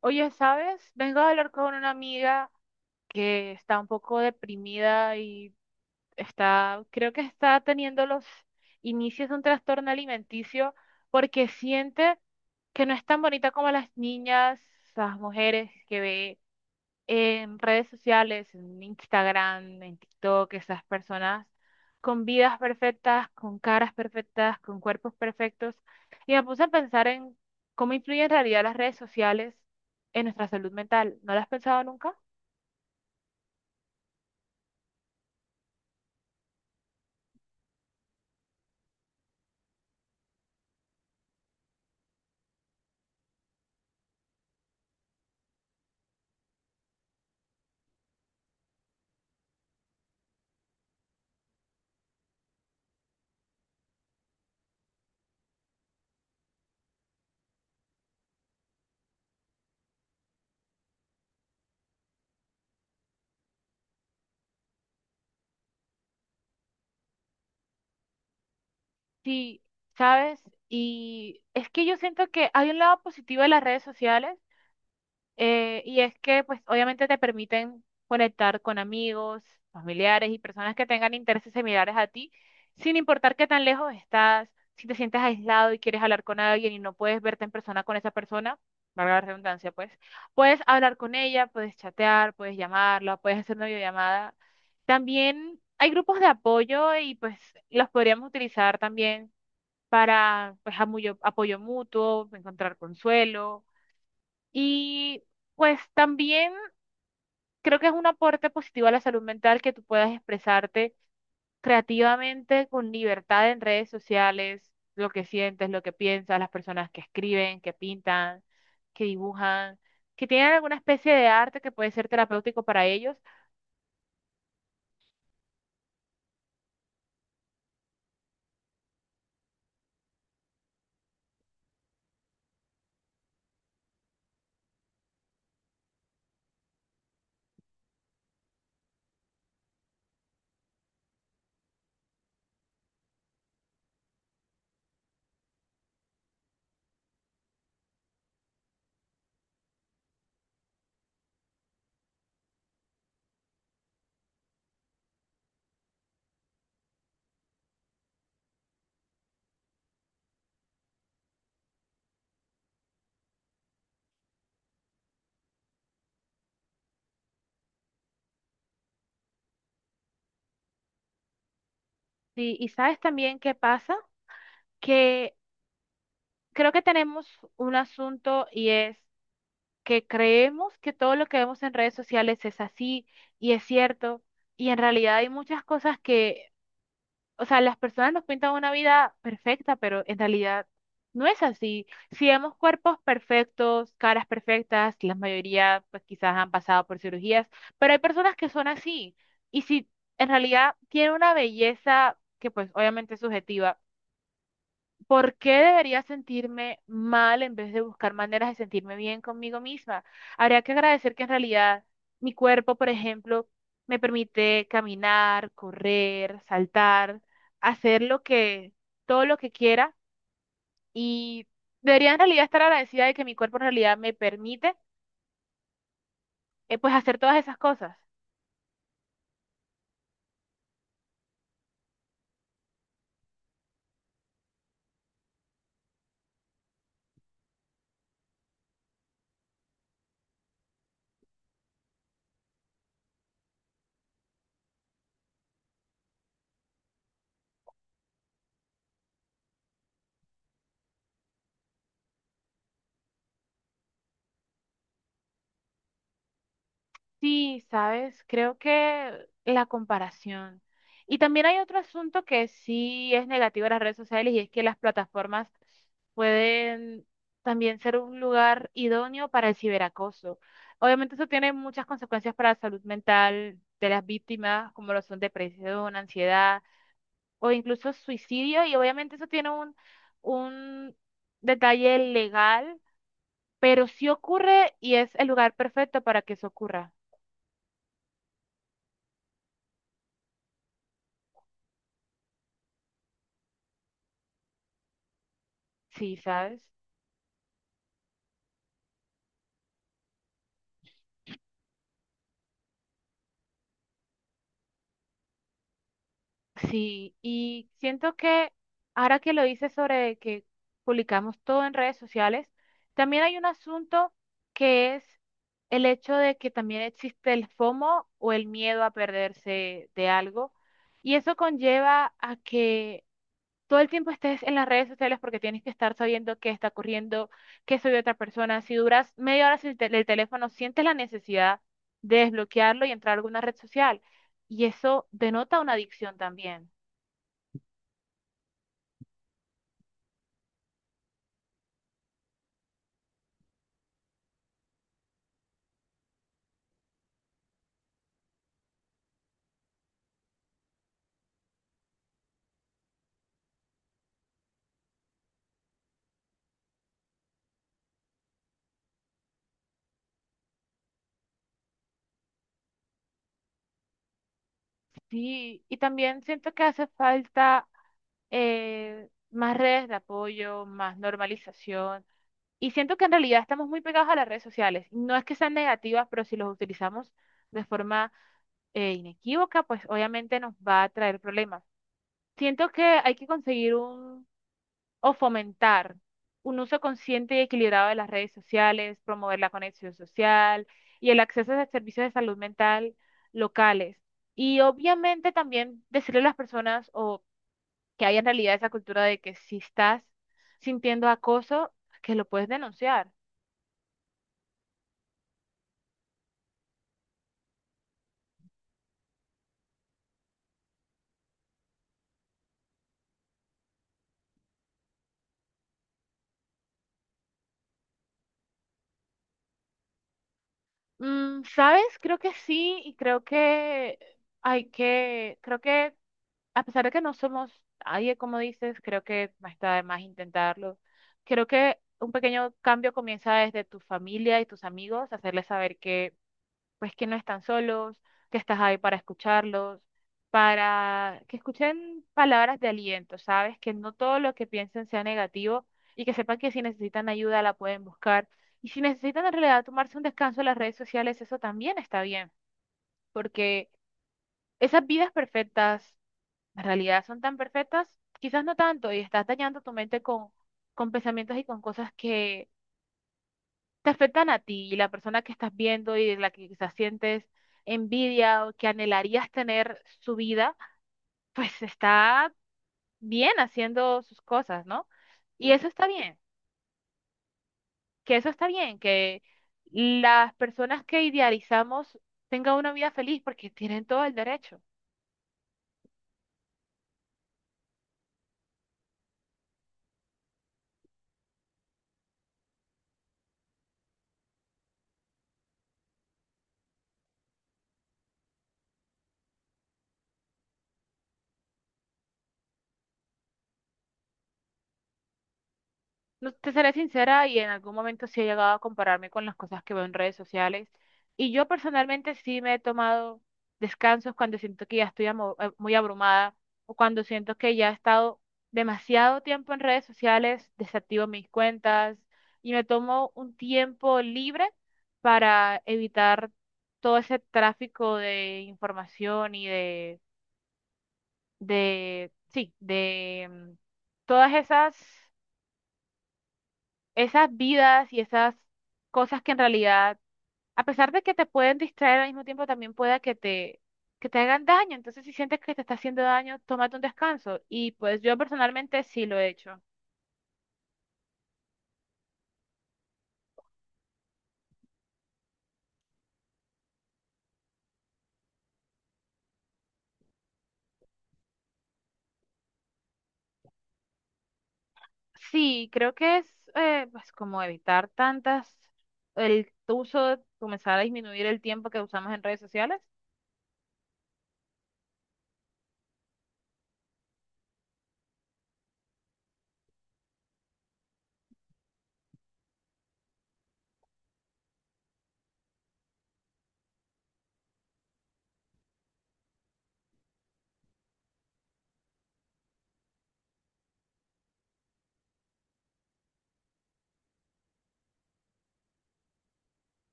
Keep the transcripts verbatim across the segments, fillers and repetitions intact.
Oye, ¿sabes? Vengo a hablar con una amiga que está un poco deprimida y está, creo que está teniendo los inicios de un trastorno alimenticio porque siente que no es tan bonita como las niñas, las mujeres que ve en redes sociales, en Instagram, en TikTok, esas personas con vidas perfectas, con caras perfectas, con cuerpos perfectos. Y me puse a pensar en cómo influyen en realidad las redes sociales en nuestra salud mental. ¿No lo has pensado nunca? Sí, ¿sabes? Y es que yo siento que hay un lado positivo de las redes sociales. Eh, y es que, pues, obviamente te permiten conectar con amigos, familiares y personas que tengan intereses similares a ti, sin importar qué tan lejos estás. Si te sientes aislado y quieres hablar con alguien y no puedes verte en persona con esa persona, valga la redundancia, pues, puedes hablar con ella, puedes chatear, puedes llamarla, puedes hacer una videollamada. También hay grupos de apoyo y, pues, los podríamos utilizar también para, pues, amuyo- apoyo mutuo, encontrar consuelo y pues también creo que es un aporte positivo a la salud mental que tú puedas expresarte creativamente con libertad en redes sociales, lo que sientes, lo que piensas, las personas que escriben, que pintan, que dibujan, que tienen alguna especie de arte que puede ser terapéutico para ellos. Sí, y sabes también qué pasa, que creo que tenemos un asunto y es que creemos que todo lo que vemos en redes sociales es así y es cierto. Y en realidad hay muchas cosas que... O sea, las personas nos pintan una vida perfecta, pero en realidad no es así. Si vemos cuerpos perfectos, caras perfectas, la mayoría pues quizás han pasado por cirugías, pero hay personas que son así. Y si en realidad tiene una belleza que pues obviamente es subjetiva, ¿por qué debería sentirme mal en vez de buscar maneras de sentirme bien conmigo misma? Habría que agradecer que en realidad mi cuerpo, por ejemplo, me permite caminar, correr, saltar, hacer lo que, todo lo que quiera y debería en realidad estar agradecida de que mi cuerpo en realidad me permite, eh, pues hacer todas esas cosas. Sí, sabes, creo que la comparación. Y también hay otro asunto que sí es negativo de las redes sociales y es que las plataformas pueden también ser un lugar idóneo para el ciberacoso. Obviamente eso tiene muchas consecuencias para la salud mental de las víctimas, como lo son depresión, ansiedad o incluso suicidio. Y obviamente eso tiene un, un detalle legal, pero sí ocurre y es el lugar perfecto para que eso ocurra. Sí, ¿sabes? Sí, y siento que ahora que lo dices sobre que publicamos todo en redes sociales, también hay un asunto que es el hecho de que también existe el FOMO o el miedo a perderse de algo. Y eso conlleva a que todo el tiempo estés en las redes sociales porque tienes que estar sabiendo qué está ocurriendo, qué soy otra persona. Si duras media hora sin el tel- el teléfono, sientes la necesidad de desbloquearlo y entrar a alguna red social. Y eso denota una adicción también. Sí, y también siento que hace falta, eh, más redes de apoyo, más normalización. Y siento que en realidad estamos muy pegados a las redes sociales. No es que sean negativas, pero si los utilizamos de forma, eh, inequívoca, pues obviamente nos va a traer problemas. Siento que hay que conseguir o fomentar un uso consciente y equilibrado de las redes sociales, promover la conexión social y el acceso a servicios de salud mental locales. Y obviamente también decirle a las personas o que haya en realidad esa cultura de que si estás sintiendo acoso, que lo puedes denunciar. Mm, ¿sabes? Creo que sí y creo que hay que, creo que a pesar de que no somos nadie, como dices, creo que no está de más intentarlo. Creo que un pequeño cambio comienza desde tu familia y tus amigos, hacerles saber que, pues, que no están solos, que estás ahí para escucharlos, para que escuchen palabras de aliento, ¿sabes? Que no todo lo que piensen sea negativo y que sepan que si necesitan ayuda la pueden buscar. Y si necesitan en realidad tomarse un descanso en las redes sociales, eso también está bien, porque esas vidas perfectas en realidad son tan perfectas, quizás no tanto, y estás dañando tu mente con, con pensamientos y con cosas que te afectan a ti y la persona que estás viendo y de la que quizás sientes envidia o que anhelarías tener su vida, pues está bien haciendo sus cosas, ¿no? Y eso está bien, que eso está bien, que las personas que idealizamos tengan una vida feliz porque tienen todo el derecho. No, te seré sincera y en algún momento sí he llegado a compararme con las cosas que veo en redes sociales. Y yo personalmente sí me he tomado descansos cuando siento que ya estoy amo- eh, muy abrumada o cuando siento que ya he estado demasiado tiempo en redes sociales, desactivo mis cuentas y me tomo un tiempo libre para evitar todo ese tráfico de información y de, de, sí, de mm, todas esas esas vidas y esas cosas que en realidad, a pesar de que te pueden distraer al mismo tiempo, también pueda que te, que te hagan daño. Entonces, si sientes que te está haciendo daño, tómate un descanso. Y pues yo personalmente sí lo he hecho. Sí, creo que es, eh, pues como evitar tantas, el uso, comenzar a disminuir el tiempo que usamos en redes sociales.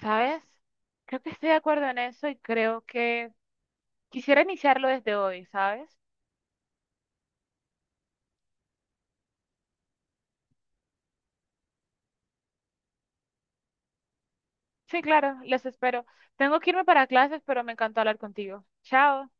¿Sabes? Creo que estoy de acuerdo en eso y creo que quisiera iniciarlo desde hoy, ¿sabes? Sí, claro, les espero. Tengo que irme para clases, pero me encantó hablar contigo. Chao.